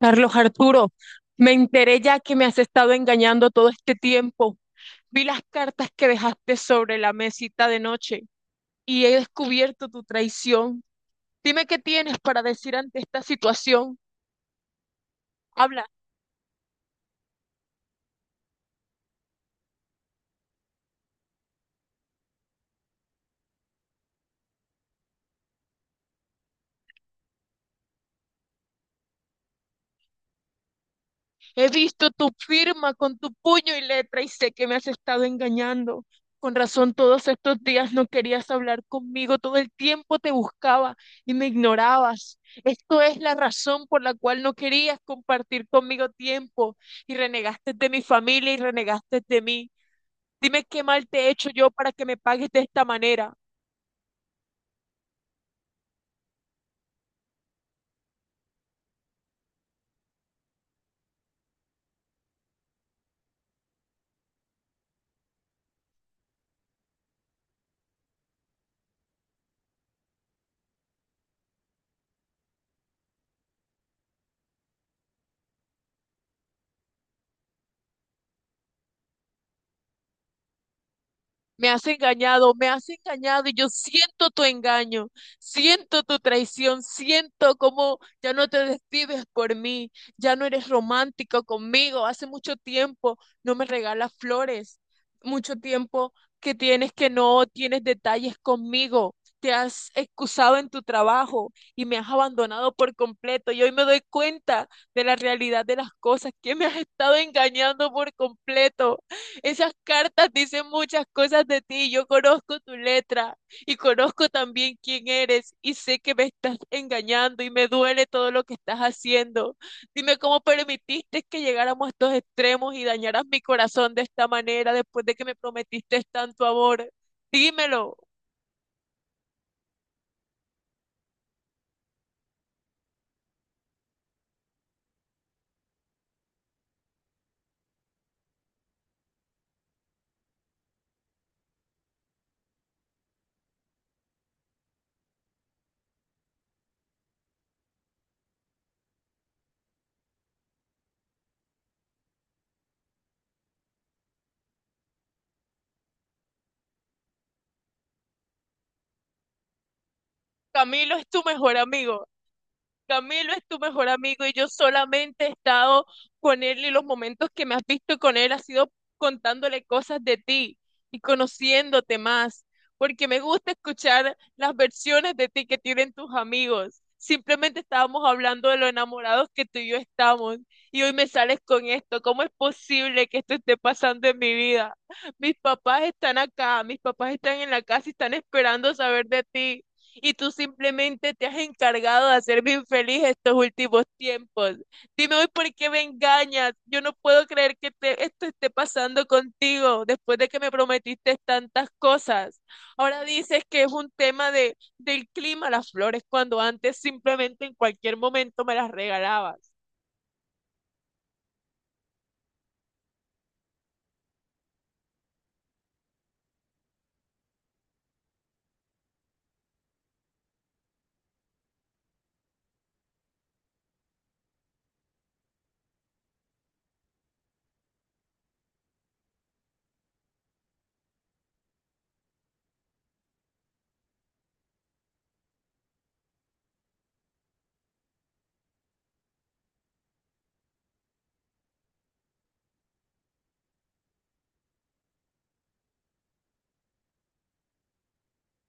Carlos Arturo, me enteré ya que me has estado engañando todo este tiempo. Vi las cartas que dejaste sobre la mesita de noche y he descubierto tu traición. Dime qué tienes para decir ante esta situación. Habla. He visto tu firma con tu puño y letra y sé que me has estado engañando. Con razón, todos estos días no querías hablar conmigo, todo el tiempo te buscaba y me ignorabas. Esto es la razón por la cual no querías compartir conmigo tiempo y renegaste de mi familia y renegaste de mí. Dime qué mal te he hecho yo para que me pagues de esta manera. Me has engañado y yo siento tu engaño, siento tu traición, siento cómo ya no te despides por mí, ya no eres romántico conmigo. Hace mucho tiempo no me regalas flores, mucho tiempo que tienes que no tienes detalles conmigo. Te has excusado en tu trabajo y me has abandonado por completo. Y hoy me doy cuenta de la realidad de las cosas, que me has estado engañando por completo. Esas cartas dicen muchas cosas de ti. Yo conozco tu letra y conozco también quién eres y sé que me estás engañando y me duele todo lo que estás haciendo. Dime cómo permitiste que llegáramos a estos extremos y dañaras mi corazón de esta manera después de que me prometiste tanto amor. Dímelo. Camilo es tu mejor amigo. Camilo es tu mejor amigo y yo solamente he estado con él y los momentos que me has visto con él ha sido contándole cosas de ti y conociéndote más, porque me gusta escuchar las versiones de ti que tienen tus amigos. Simplemente estábamos hablando de lo enamorados que tú y yo estamos y hoy me sales con esto. ¿Cómo es posible que esto esté pasando en mi vida? Mis papás están acá, mis papás están en la casa y están esperando saber de ti y tú simplemente te has encargado de hacerme infeliz estos últimos tiempos. Dime hoy por qué me engañas. Yo no puedo creer que esto esté pasando contigo después de que me prometiste tantas cosas. Ahora dices que es un tema del clima, las flores, cuando antes simplemente en cualquier momento me las regalabas.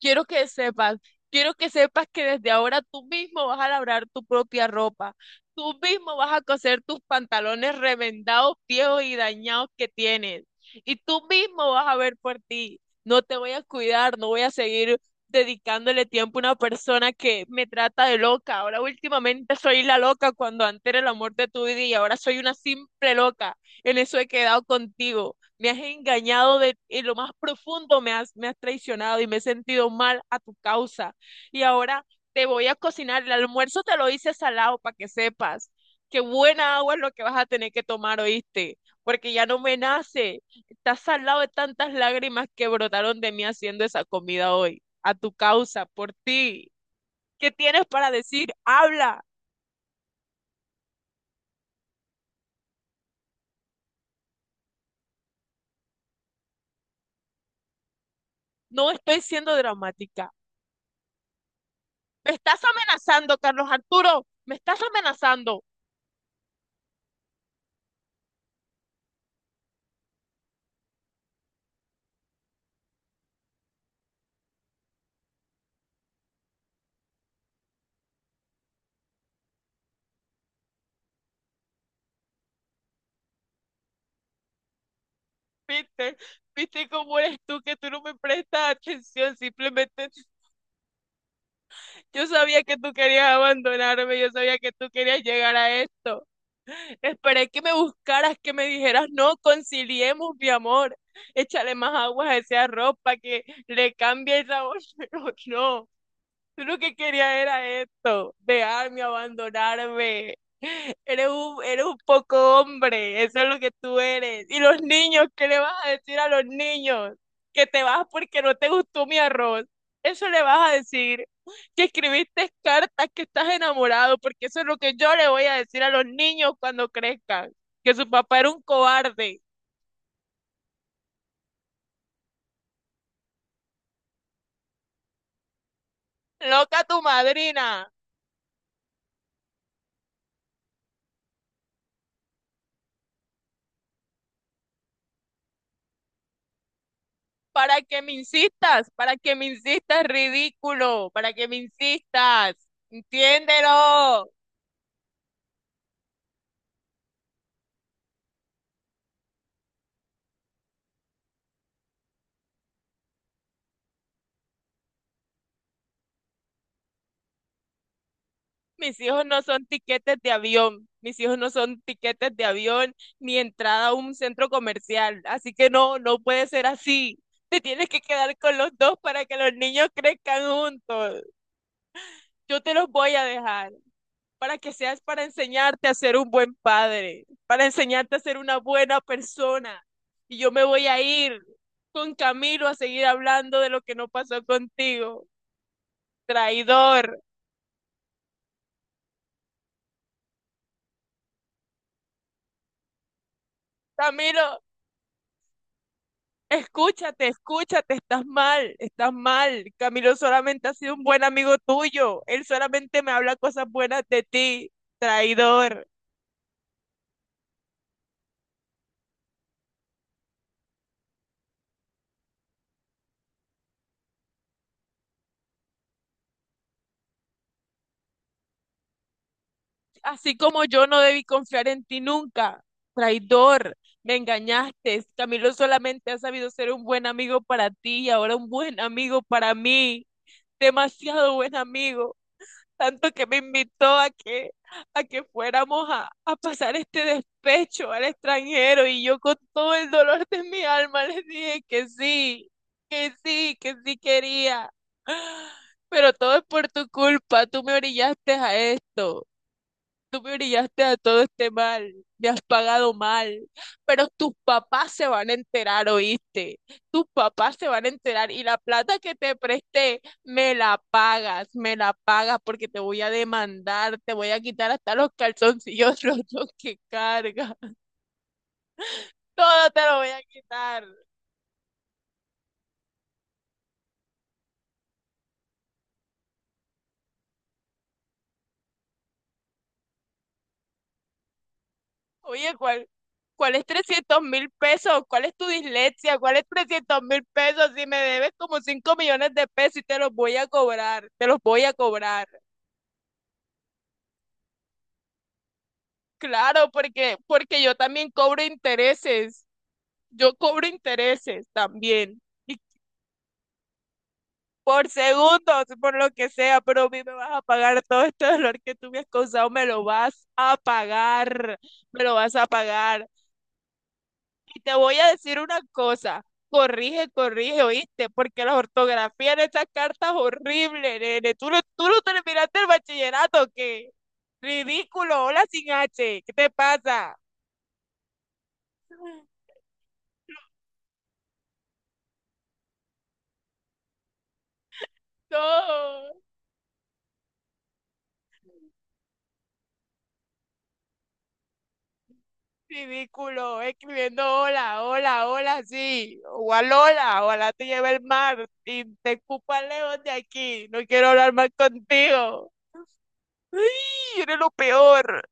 Quiero que sepas, quiero que sepas que desde ahora tú mismo vas a labrar tu propia ropa. Tú mismo vas a coser tus pantalones remendados, viejos y dañados que tienes. Y tú mismo vas a ver por ti. No te voy a cuidar, no voy a seguir dedicándole tiempo a una persona que me trata de loca. Ahora últimamente soy la loca cuando antes era el amor de tu vida y ahora soy una simple loca. En eso he quedado contigo me has engañado en lo más profundo, me has traicionado y me he sentido mal a tu causa. Y ahora te voy a cocinar, el almuerzo te lo hice salado para que sepas que buena agua es lo que vas a tener que tomar, ¿oíste? Porque ya no me nace, estás salado de tantas lágrimas que brotaron de mí haciendo esa comida hoy, a tu causa, por ti. ¿Qué tienes para decir? Habla, no estoy siendo dramática. Me estás amenazando, Carlos Arturo, me estás amenazando. Viste, viste cómo eres tú, que tú no me prestas atención, simplemente yo sabía que tú querías abandonarme, yo sabía que tú querías llegar a esto. Esperé que me buscaras, que me dijeras, no, conciliemos, mi amor, échale más aguas a ese arroz para que le cambie el sabor, pero no. Yo lo que quería era esto, dejarme abandonarme. Eres un poco hombre, eso es lo que tú eres. Y los niños, ¿qué le vas a decir a los niños? Que te vas porque no te gustó mi arroz. Eso le vas a decir. Que escribiste cartas, que estás enamorado, porque eso es lo que yo le voy a decir a los niños cuando crezcan. Que su papá era un cobarde. Loca tu madrina. Para que me insistas, para que me insistas, ridículo, para que me insistas, entiéndelo. Mis hijos no son tiquetes de avión, mis hijos no son tiquetes de avión ni entrada a un centro comercial, así que no, no puede ser así. Te tienes que quedar con los dos para que los niños crezcan juntos. Yo te los voy a dejar. Para que seas para enseñarte a ser un buen padre, para enseñarte a ser una buena persona. Y yo me voy a ir con Camilo a seguir hablando de lo que no pasó contigo. Traidor. Camilo, escúchate, escúchate, estás mal, estás mal. Camilo solamente ha sido un buen amigo tuyo. Él solamente me habla cosas buenas de ti. Traidor. Así como yo no debí confiar en ti nunca, traidor, me engañaste. Camilo solamente ha sabido ser un buen amigo para ti y ahora un buen amigo para mí, demasiado buen amigo, tanto que me invitó a que fuéramos a pasar este despecho al extranjero y yo con todo el dolor de mi alma les dije que sí, que sí, que sí quería. ¡Ah! Pero todo es por tu culpa, tú me orillaste a esto. Tú me brillaste a todo este mal, me has pagado mal, pero tus papás se van a enterar, ¿oíste? Tus papás se van a enterar y la plata que te presté, me la pagas porque te voy a demandar, te voy a quitar hasta los calzoncillos rotos que cargas, todo te lo voy a quitar. Oye, ¿cuál es 300 mil pesos? ¿Cuál es tu dislexia? ¿Cuál es 300 mil pesos? Si me debes como 5 millones de pesos y te los voy a cobrar, te los voy a cobrar. Claro, porque yo también cobro intereses. Yo cobro intereses también. Y por segundos, por lo que sea, pero a mí me vas a pagar todo este dolor que tú me has causado, me lo vas a pagar. Me lo vas a pagar. Y te voy a decir una cosa. Corrige, corrige, ¿oíste? Porque la ortografía en esas cartas es horrible, nene. Tú no terminaste el bachillerato, ¿qué? Ridículo, hola sin H. ¿Qué te pasa? No. Ridículo, escribiendo hola, hola, hola, sí, o alola, ojalá te lleve el mar y te escupa lejos de aquí, no quiero hablar más contigo. ¡Ay, eres lo peor!